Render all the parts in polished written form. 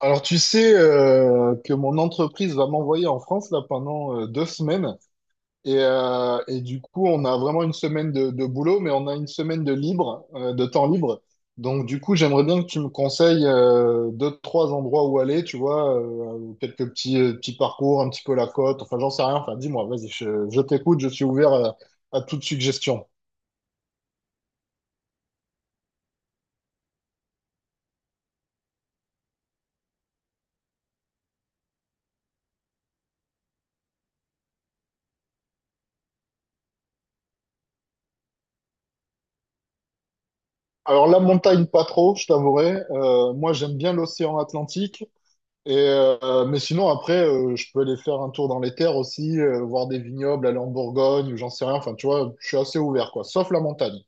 Alors tu sais que mon entreprise va m'envoyer en France là pendant 2 semaines et du coup on a vraiment une semaine de boulot, mais on a une semaine de libre, de temps libre. Donc du coup j'aimerais bien que tu me conseilles deux trois endroits où aller, tu vois, quelques petits, petits parcours, un petit peu la côte, enfin j'en sais rien, enfin dis-moi, vas-y, je t'écoute, je suis ouvert à toute suggestion. Alors la montagne pas trop, je t'avouerai. Moi j'aime bien l'océan Atlantique. Mais sinon, après, je peux aller faire un tour dans les terres aussi, voir des vignobles, aller en Bourgogne, ou j'en sais rien. Enfin, tu vois, je suis assez ouvert, quoi. Sauf la montagne.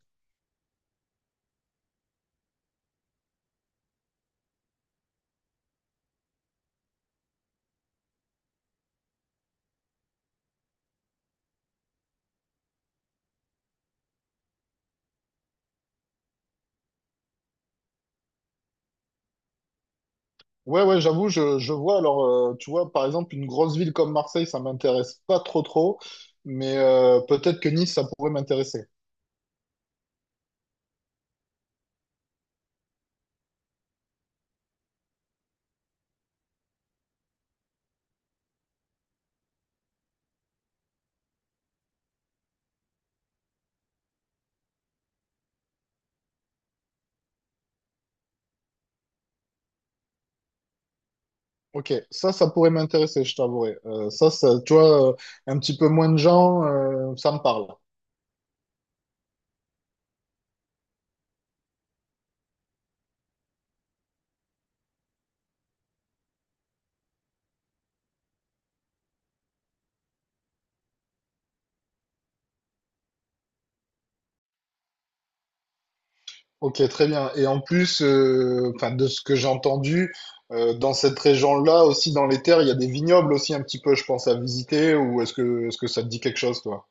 Ouais, ouais, j'avoue, je vois. Alors, tu vois, par exemple, une grosse ville comme Marseille, ça m'intéresse pas trop, trop. Mais peut-être que Nice, ça pourrait m'intéresser. Ok, ça pourrait m'intéresser, je t'avouerai. Ça, ça, tu vois, un petit peu moins de gens, ça me parle. Ok, très bien. Et en plus, enfin, de ce que j'ai entendu, dans cette région-là aussi, dans les terres, il y a des vignobles aussi un petit peu, je pense, à visiter. Ou est-ce que ça te dit quelque chose, toi?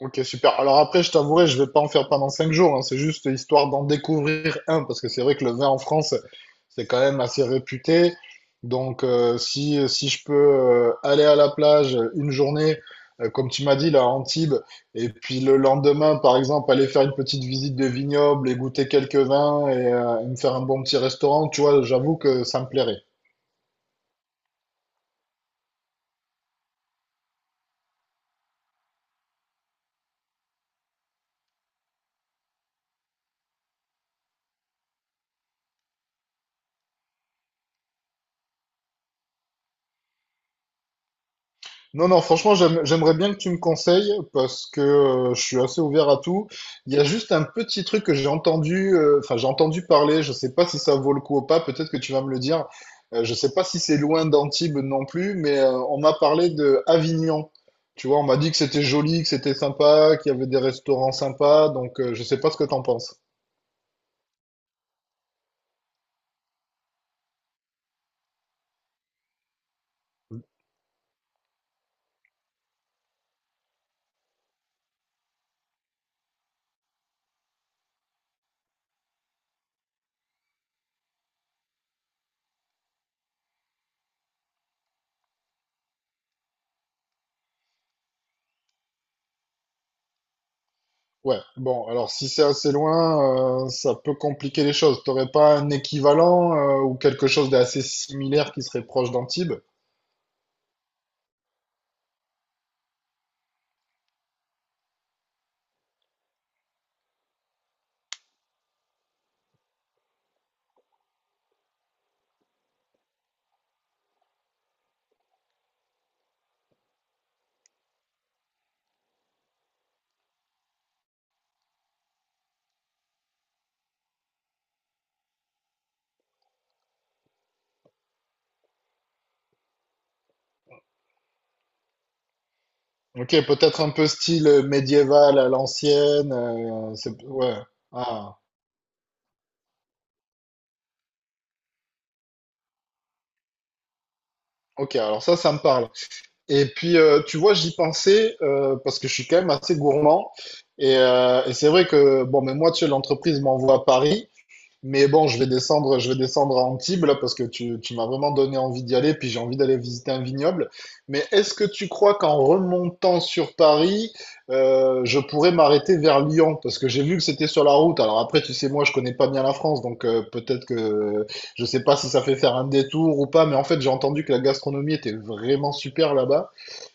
Ok, super. Alors après, je t'avouerai, je vais pas en faire pendant 5 jours, hein. C'est juste histoire d'en découvrir un, parce que c'est vrai que le vin en France, c'est quand même assez réputé. Donc, si je peux aller à la plage une journée, comme tu m'as dit, là, à Antibes, et puis le lendemain, par exemple, aller faire une petite visite de vignoble et goûter quelques vins et me faire un bon petit restaurant, tu vois, j'avoue que ça me plairait. Non, non, franchement, j'aimerais bien que tu me conseilles, parce que je suis assez ouvert à tout. Il y a juste un petit truc que j'ai entendu, enfin, j'ai entendu parler, je sais pas si ça vaut le coup ou pas, peut-être que tu vas me le dire. Je sais pas si c'est loin d'Antibes non plus, mais on m'a parlé de Avignon. Tu vois, on m'a dit que c'était joli, que c'était sympa, qu'il y avait des restaurants sympas, donc je sais pas ce que t'en penses. Ouais, bon, alors si c'est assez loin, ça peut compliquer les choses. T'aurais pas un équivalent, ou quelque chose d'assez similaire qui serait proche d'Antibes? Ok, peut-être un peu style médiéval à l'ancienne. Ouais. Ah, ok, alors ça me parle. Et puis, tu vois, j'y pensais, parce que je suis quand même assez gourmand. Et c'est vrai que, bon, mais moi, tu sais, l'entreprise m'envoie à Paris. Mais bon, je vais descendre à Antibes là, parce que tu m'as vraiment donné envie d'y aller, puis j'ai envie d'aller visiter un vignoble. Mais est-ce que tu crois qu'en remontant sur Paris, je pourrais m'arrêter vers Lyon? Parce que j'ai vu que c'était sur la route. Alors après, tu sais, moi, je connais pas bien la France, donc peut-être que je sais pas si ça fait faire un détour ou pas. Mais en fait, j'ai entendu que la gastronomie était vraiment super là bas,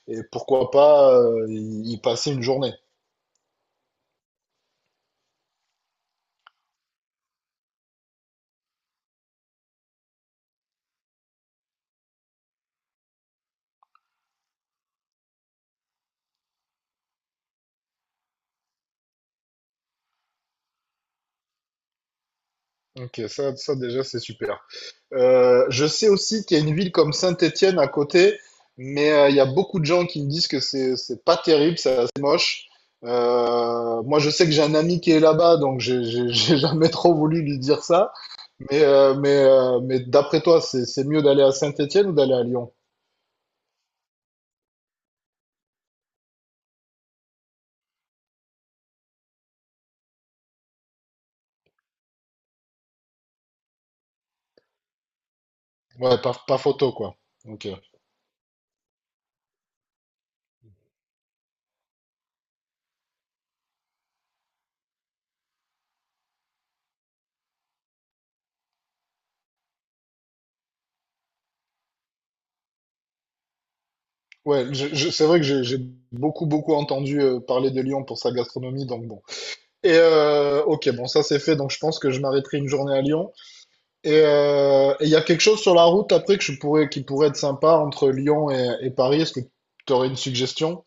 et pourquoi pas y passer une journée. Ok, ça déjà, c'est super. Je sais aussi qu'il y a une ville comme Saint-Étienne à côté, mais il y a beaucoup de gens qui me disent que c'est pas terrible, c'est assez moche. Moi, je sais que j'ai un ami qui est là-bas, donc j'ai jamais trop voulu lui dire ça. Mais mais d'après toi, c'est mieux d'aller à Saint-Étienne ou d'aller à Lyon? Ouais, pas photo, quoi. Ok. Ouais, c'est vrai que j'ai beaucoup beaucoup entendu parler de Lyon pour sa gastronomie, donc bon. Ok, bon, ça c'est fait, donc je pense que je m'arrêterai une journée à Lyon. Et il y a quelque chose sur la route après que je pourrais, qui pourrait être sympa entre Lyon et Paris. Est-ce que tu aurais une suggestion?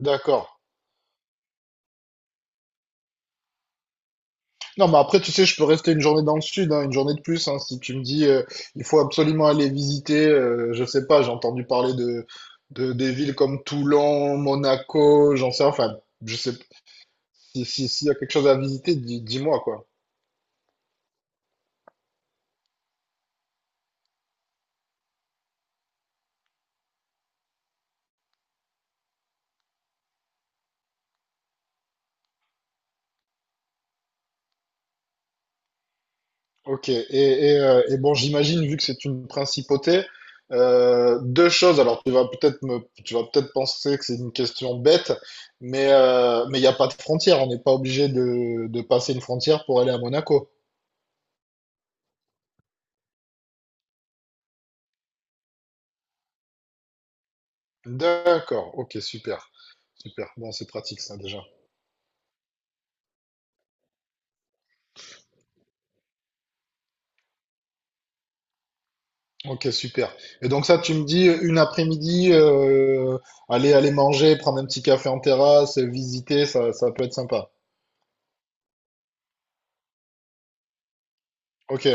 D'accord. Non, mais après, tu sais, je peux rester une journée dans le sud, hein, une journée de plus, hein, si tu me dis, il faut absolument aller visiter, je sais pas, j'ai entendu parler de, des villes comme Toulon, Monaco, j'en sais, enfin, je sais, si, si, s'il y a quelque chose à visiter, dis-moi, quoi. Ok, et bon, j'imagine, vu que c'est une principauté, deux choses. Alors, tu vas peut-être penser que c'est une question bête, mais mais il n'y a pas de frontière. On n'est pas obligé de passer une frontière pour aller à Monaco. D'accord, ok, super. Super. Bon, c'est pratique ça déjà. Ok, super. Et donc ça, tu me dis une après-midi, aller manger, prendre un petit café en terrasse, visiter, ça peut être sympa. Ok.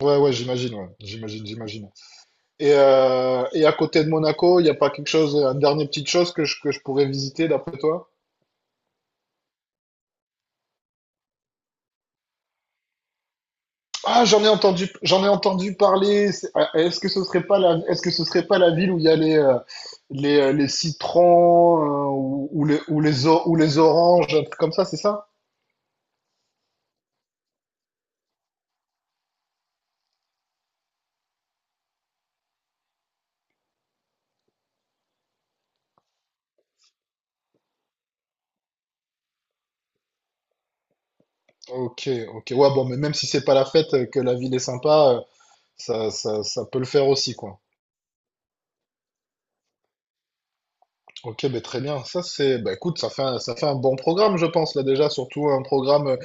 Ouais, ouais. J'imagine, j'imagine. Et à côté de Monaco, il n'y a pas quelque chose, une dernière petite chose que que je pourrais visiter d'après toi? Ah, j'en ai entendu parler. Ah, est-ce que ce serait pas la, est-ce que ce serait pas la ville où il y a les citrons, ou les oranges, un truc comme ça, c'est ça? Ok, ok. Ouais, bon, mais même si c'est pas la fête, que la ville est sympa, ça peut le faire aussi, quoi. Ok, ben très bien. Ça, c'est, ben écoute, ça fait un bon programme, je pense, là déjà, surtout un programme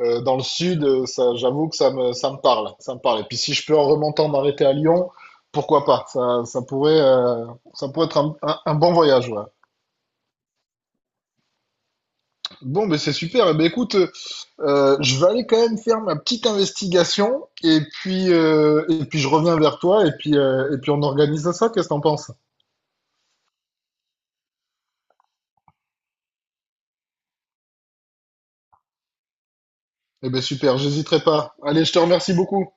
dans le sud, ça, j'avoue que ça me parle. Et puis si je peux en remontant dans l'été à Lyon, pourquoi pas? Ça, ça pourrait être un bon voyage, ouais. Bon, mais c'est super. Eh ben écoute, je vais aller quand même faire ma petite investigation, et puis, et puis je reviens vers toi, et puis, et puis on organise ça. Qu'est-ce que t'en penses? Eh ben super, j'hésiterai pas. Allez, je te remercie beaucoup.